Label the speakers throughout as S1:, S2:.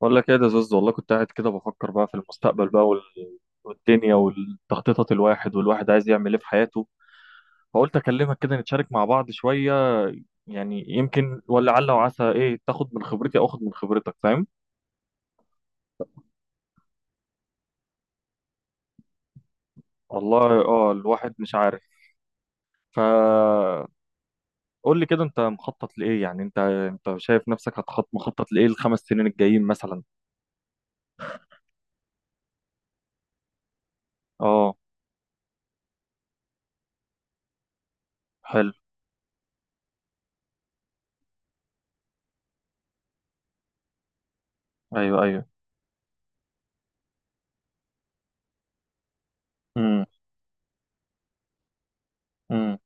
S1: بقول لك ايه ده زوز. والله كنت قاعد كده بفكر بقى في المستقبل بقى والدنيا والتخطيطات. الواحد عايز يعمل ايه في حياته؟ فقلت اكلمك كده، نتشارك مع بعض شوية، يعني يمكن ولا عل وعسى ايه تاخد من خبرتي او اخد من خبرتك. فاهم؟ والله الواحد مش عارف. فقول لي كده، انت مخطط لايه؟ يعني انت شايف نفسك مخطط لايه الخمس سنين الجايين مثلا؟ اه. حلو. ايوه، ايوه. امم. امم.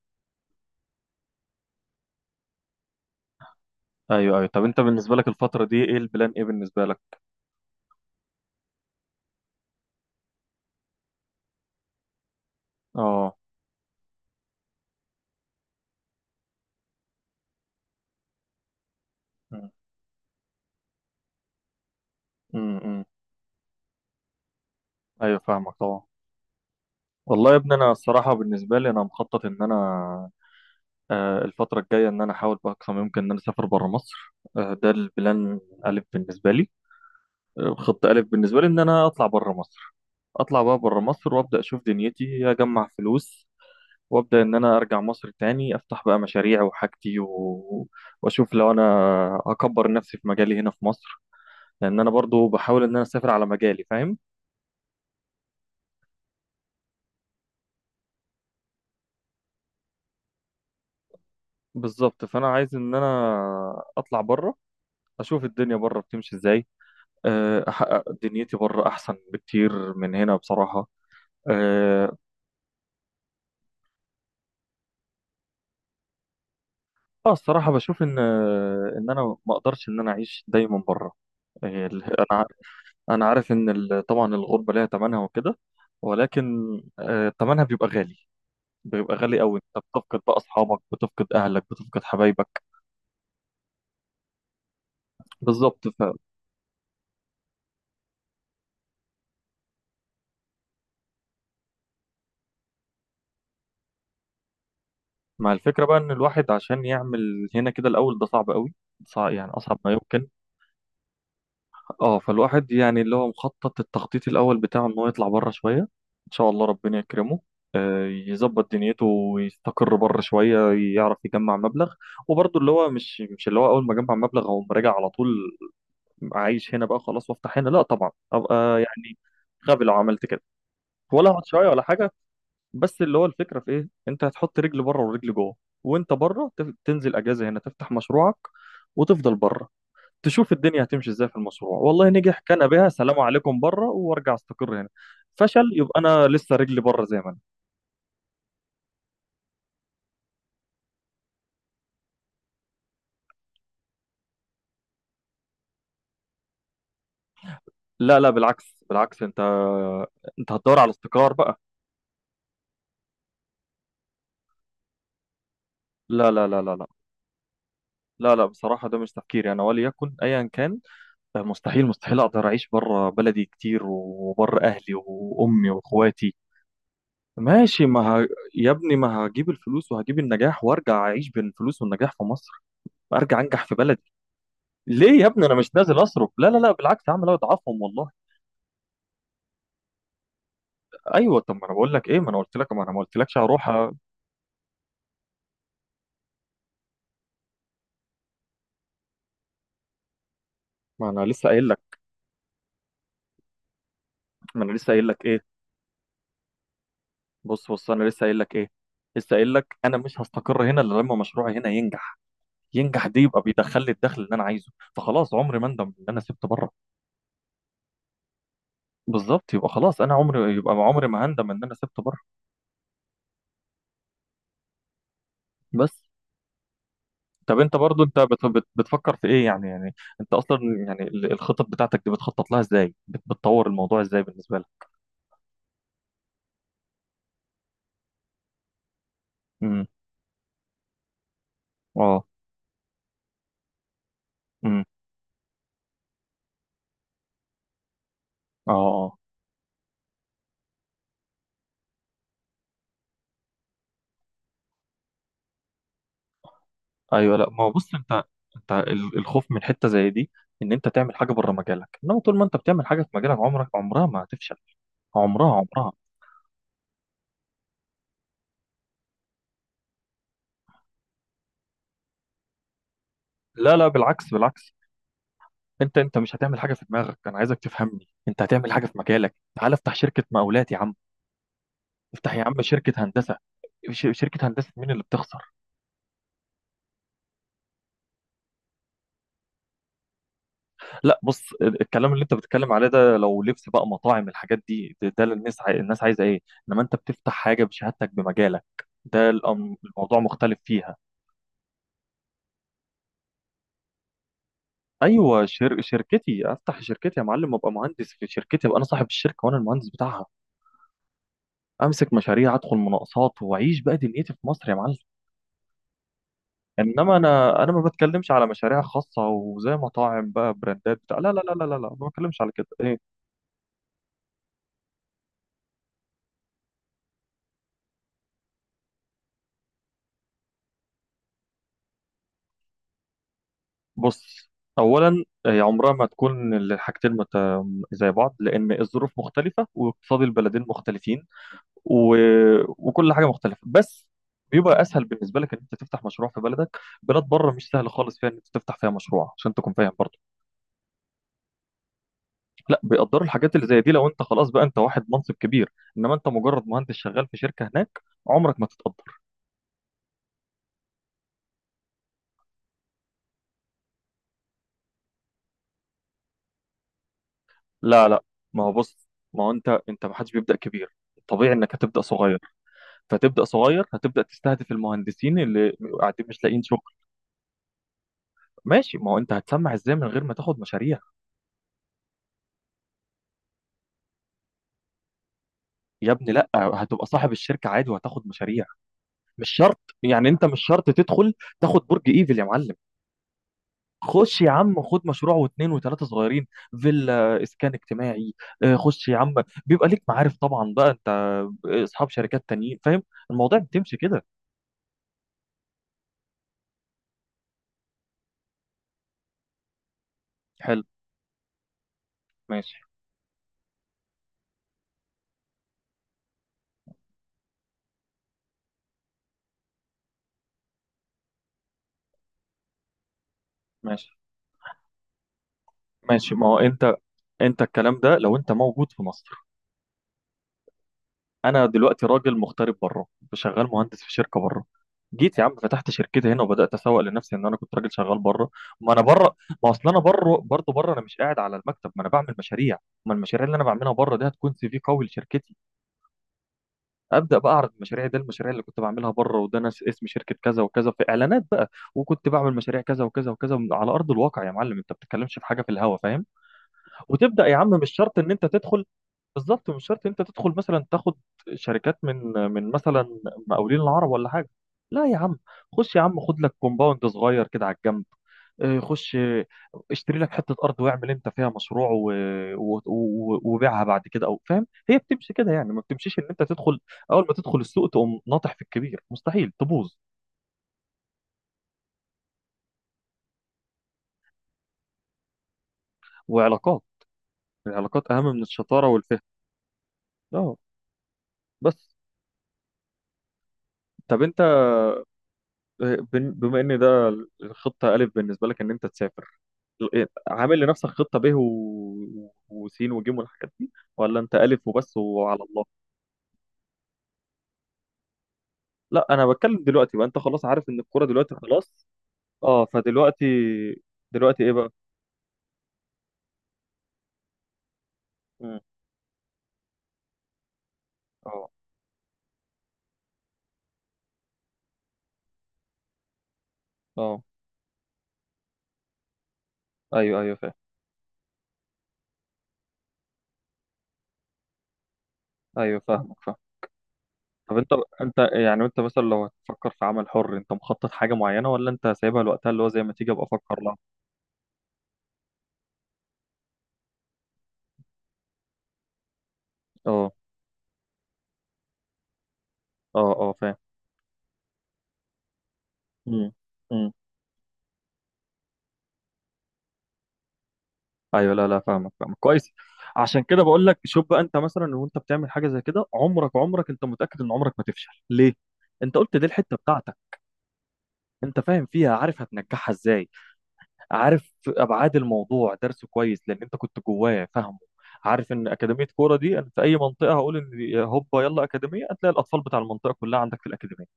S1: ايوه، ايوه، طب انت بالنسبة لك الفترة دي ايه البلان؟ ايه بالنسبة لك؟ اه. امم، ايوه، فاهمك طبعا. والله يا ابني انا الصراحه بالنسبه لي انا مخطط ان انا، الفتره الجايه ان انا احاول باقصى ما يمكن ان انا اسافر بره مصر. ده البلان الف بالنسبه لي. خط الف بالنسبه لي ان انا اطلع بره مصر. اطلع بقى بره مصر وابدا اشوف دنيتي، اجمع فلوس، وابدا ان انا ارجع مصر تاني افتح بقى مشاريع وحاجتي واشوف لو انا اكبر نفسي في مجالي هنا في مصر، لان انا برضو بحاول ان انا اسافر على مجالي. فاهم؟ بالظبط. فانا عايز ان انا اطلع بره، اشوف الدنيا بره بتمشي ازاي. احقق دنيتي بره احسن بكتير من هنا بصراحه. اه. الصراحه بشوف ان، ان انا ما اقدرش ان انا اعيش دايما بره. آه، ال- انا ع- انا عارف ان، طبعا الغربه ليها ثمنها وكده، ولكن ثمنها بيبقى غالي. بيبقى غالي قوي. انت بتفقد بقى اصحابك، بتفقد اهلك، بتفقد حبايبك. بالظبط. فمع الفكره بقى ان الواحد عشان يعمل هنا كده الاول، ده صعب قوي. صعب يعني، اصعب ما يمكن. اه، فالواحد يعني اللي هو مخطط، التخطيط الاول بتاعه ان هو يطلع بره شويه. ان شاء الله ربنا يكرمه، يظبط دنيته ويستقر بره شويه، يعرف يجمع مبلغ. وبرضه اللي هو مش اللي هو اول ما اجمع مبلغ اقوم راجع على طول، عايش هنا بقى خلاص وافتح هنا، لا طبعا. ابقى يعني غبي لو عملت كده. ولا هقعد شويه ولا حاجه، بس اللي هو الفكره في ايه، انت هتحط رجل بره ورجل جوه. وانت بره تنزل اجازه هنا تفتح مشروعك وتفضل بره. تشوف الدنيا هتمشي ازاي في المشروع. والله نجح، كان بها، سلام عليكم بره وارجع استقر هنا. فشل، يبقى انا لسه رجلي بره زي ما انا. لا، لا، بالعكس، بالعكس، انت هتدور على استقرار بقى. لا، لا، لا، لا، لا، لا، لا، بصراحة ده مش تفكيري أنا وليكن أيا كان. مستحيل، مستحيل أقدر أعيش بره بلدي كتير، وبره أهلي وأمي وإخواتي. ماشي، ما ه... يا ابني ما هجيب الفلوس وهجيب النجاح وأرجع أعيش بين الفلوس والنجاح في مصر. أرجع أنجح في بلدي. ليه يا ابني انا مش نازل اصرف؟ لا، لا، لا، بالعكس، هعمل اضعفهم والله. ايوه، طب ما انا بقول لك ايه، ما انا قلت لك، ما انا ما قلتلكش هروح ما انا لسه قايل لك. ما انا لسه قايل لك ايه. بص، بص، انا لسه قايل لك ايه، لسه قايل لك انا مش هستقر هنا الا لما مشروعي هنا ينجح. ينجح دي يبقى بيدخل لي الدخل اللي انا عايزه، فخلاص عمري ما اندم ان انا سبت بره. بالظبط. يبقى خلاص انا عمري، يبقى عمري ما هندم ان انا سبت بره. بس. طب انت برضو انت بتفكر في ايه يعني؟ يعني انت اصلا يعني الخطط بتاعتك دي بتخطط لها ازاي؟ بتطور الموضوع ازاي بالنسبه لك؟ اه. امم. اه. اه. ايوه. لا، ما هو بص، انت الخوف من حته زي دي، ان انت تعمل حاجه بره مجالك، انما طول ما انت بتعمل حاجه في مجالك عمرك، عمرها ما هتفشل. عمرها، عمرها. لا، لا، بالعكس، بالعكس، انت مش هتعمل حاجه في دماغك. انا عايزك تفهمني، انت هتعمل حاجه في مجالك. تعال افتح شركه مقاولات يا عم، افتح يا عم شركه هندسه. شركه هندسه مين اللي بتخسر؟ لا بص، الكلام اللي انت بتتكلم عليه ده، لو لبس بقى، مطاعم، الحاجات دي، ده الناس الناس عايزه ايه. انما انت بتفتح حاجه بشهادتك، بمجالك، ده الموضوع مختلف فيها. ايوه، شركتي، افتح شركتي يا معلم، ابقى مهندس في شركتي، ابقى انا صاحب الشركه وانا المهندس بتاعها. امسك مشاريع، ادخل مناقصات، واعيش بقى دنيتي في مصر يا معلم. انما انا، انا ما بتكلمش على مشاريع خاصه وزي مطاعم بقى، براندات بتاع، لا، لا، لا، لا، لا، لا، ما بتكلمش على كده. ايه. بص، اولا هي عمرها ما تكون زي بعض، لان الظروف مختلفه واقتصاد البلدين مختلفين، و... وكل حاجه مختلفه، بس بيبقى اسهل بالنسبه لك ان انت تفتح مشروع في بلدك. بلاد بره مش سهل خالص فيها ان انت تفتح فيها مشروع، عشان تكون فاهم برضه. لا بيقدروا الحاجات اللي زي دي لو انت خلاص بقى، انت واحد منصب كبير، انما انت مجرد مهندس شغال في شركه هناك، عمرك ما تتقدر. لا، لا، ما هو بص، ما هو انت ما حدش بيبدا كبير، طبيعي انك هتبدا صغير. فتبدا صغير، هتبدا تستهدف المهندسين اللي قاعدين مش لاقيين شغل. ماشي، ما هو انت هتسمع ازاي من غير ما تاخد مشاريع؟ يا ابني لا، هتبقى صاحب الشركه عادي وهتاخد مشاريع. مش شرط يعني، انت مش شرط تدخل تاخد برج ايفل يا معلم. خش يا عم خد مشروع واثنين وثلاثه صغيرين، فيلا، اسكان اجتماعي، خش يا عم. بيبقى ليك معارف طبعا بقى انت، اصحاب شركات تانيين، فاهم؟ الموضوع بتمشي كده. حلو. ماشي، ماشي، ماشي، ما هو انت الكلام ده لو انت موجود في مصر. انا دلوقتي راجل مغترب بره، شغال مهندس في شركه بره. جيت يا عم فتحت شركتي هنا وبدات اسوق لنفسي ان انا كنت راجل شغال بره. ما انا بره، ما اصل انا بره برضه، بره انا مش قاعد على المكتب، ما انا بعمل مشاريع. ما المشاريع اللي انا بعملها بره دي هتكون سي في قوي لشركتي. ابدا بقى اعرض مشاريعي، ده المشاريع اللي كنت بعملها بره، وده ناس اسم شركه كذا وكذا في اعلانات بقى، وكنت بعمل مشاريع كذا وكذا وكذا على ارض الواقع. يا معلم انت بتتكلمش في حاجه في الهوا، فاهم؟ وتبدا يا عم، مش شرط ان انت تدخل. بالظبط، مش شرط انت تدخل مثلا تاخد شركات من مثلا مقاولين العرب ولا حاجه. لا يا عم، خش يا عم خد لك كومباوند صغير كده على الجنب. اه، خش اه، اشتري لك حته ارض واعمل انت فيها مشروع وبيعها بعد كده او فاهم. هي بتمشي كده يعني، ما بتمشيش ان انت تدخل اول ما تدخل السوق تقوم ناطح في الكبير، مستحيل تبوظ. وعلاقات. العلاقات اهم من الشطاره والفهم. اه. بس، طب انت بما ان ده الخطه الف بالنسبه لك ان انت تسافر، عامل لنفسك خطه ب وسين وجيم والحاجات دي، ولا انت الف وبس وعلى الله؟ لا، انا بتكلم دلوقتي بقى، انت خلاص عارف ان الكوره دلوقتي خلاص. اه، فدلوقتي، دلوقتي ايه بقى؟ مم. اه. اه. ايوه، ايوه فاهم. ايوه فاهمك، فاهم. طب انت، انت يعني، انت مثلا لو هتفكر في عمل حر، انت مخطط حاجه معينه، ولا انت سايبها لوقتها اللي هو زي ما تيجي ابقى افكر لها؟ اه. اه. اه فاهم. مم. مم. ايوه، لا، لا فاهمك، فاهمك كويس. عشان كده بقول لك شوف بقى، انت مثلا وانت بتعمل حاجه زي كده، عمرك، عمرك انت متاكد ان عمرك ما تفشل. ليه؟ انت قلت دي الحته بتاعتك، انت فاهم فيها، عارف هتنجحها ازاي، عارف ابعاد الموضوع، درسه كويس لان انت كنت جواه، فاهمه. عارف ان اكاديميه كوره دي انا في اي منطقه هقول ان هوبا يلا اكاديميه، هتلاقي الاطفال بتاع المنطقه كلها عندك في الاكاديميه.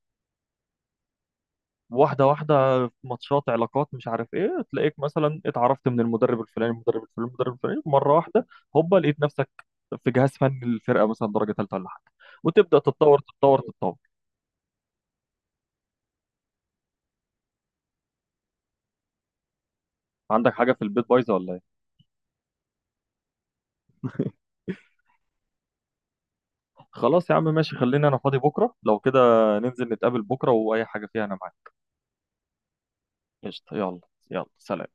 S1: واحدة واحدة، ماتشات، علاقات، مش عارف ايه، تلاقيك مثلا اتعرفت من المدرب الفلاني، المدرب الفلاني، المدرب الفلاني، مرة واحدة هوبا لقيت نفسك في جهاز فني للفرقة مثلا درجة ثالثة ولا حاجة، وتبدأ تتطور، تتطور، تتطور. عندك حاجة في البيت بايظة ولا ايه؟ خلاص يا عم، ماشي، خليني انا فاضي بكرة لو كده، ننزل نتقابل بكرة واي حاجة فيها انا معاك. قشطة، يلا. يلا، سلام.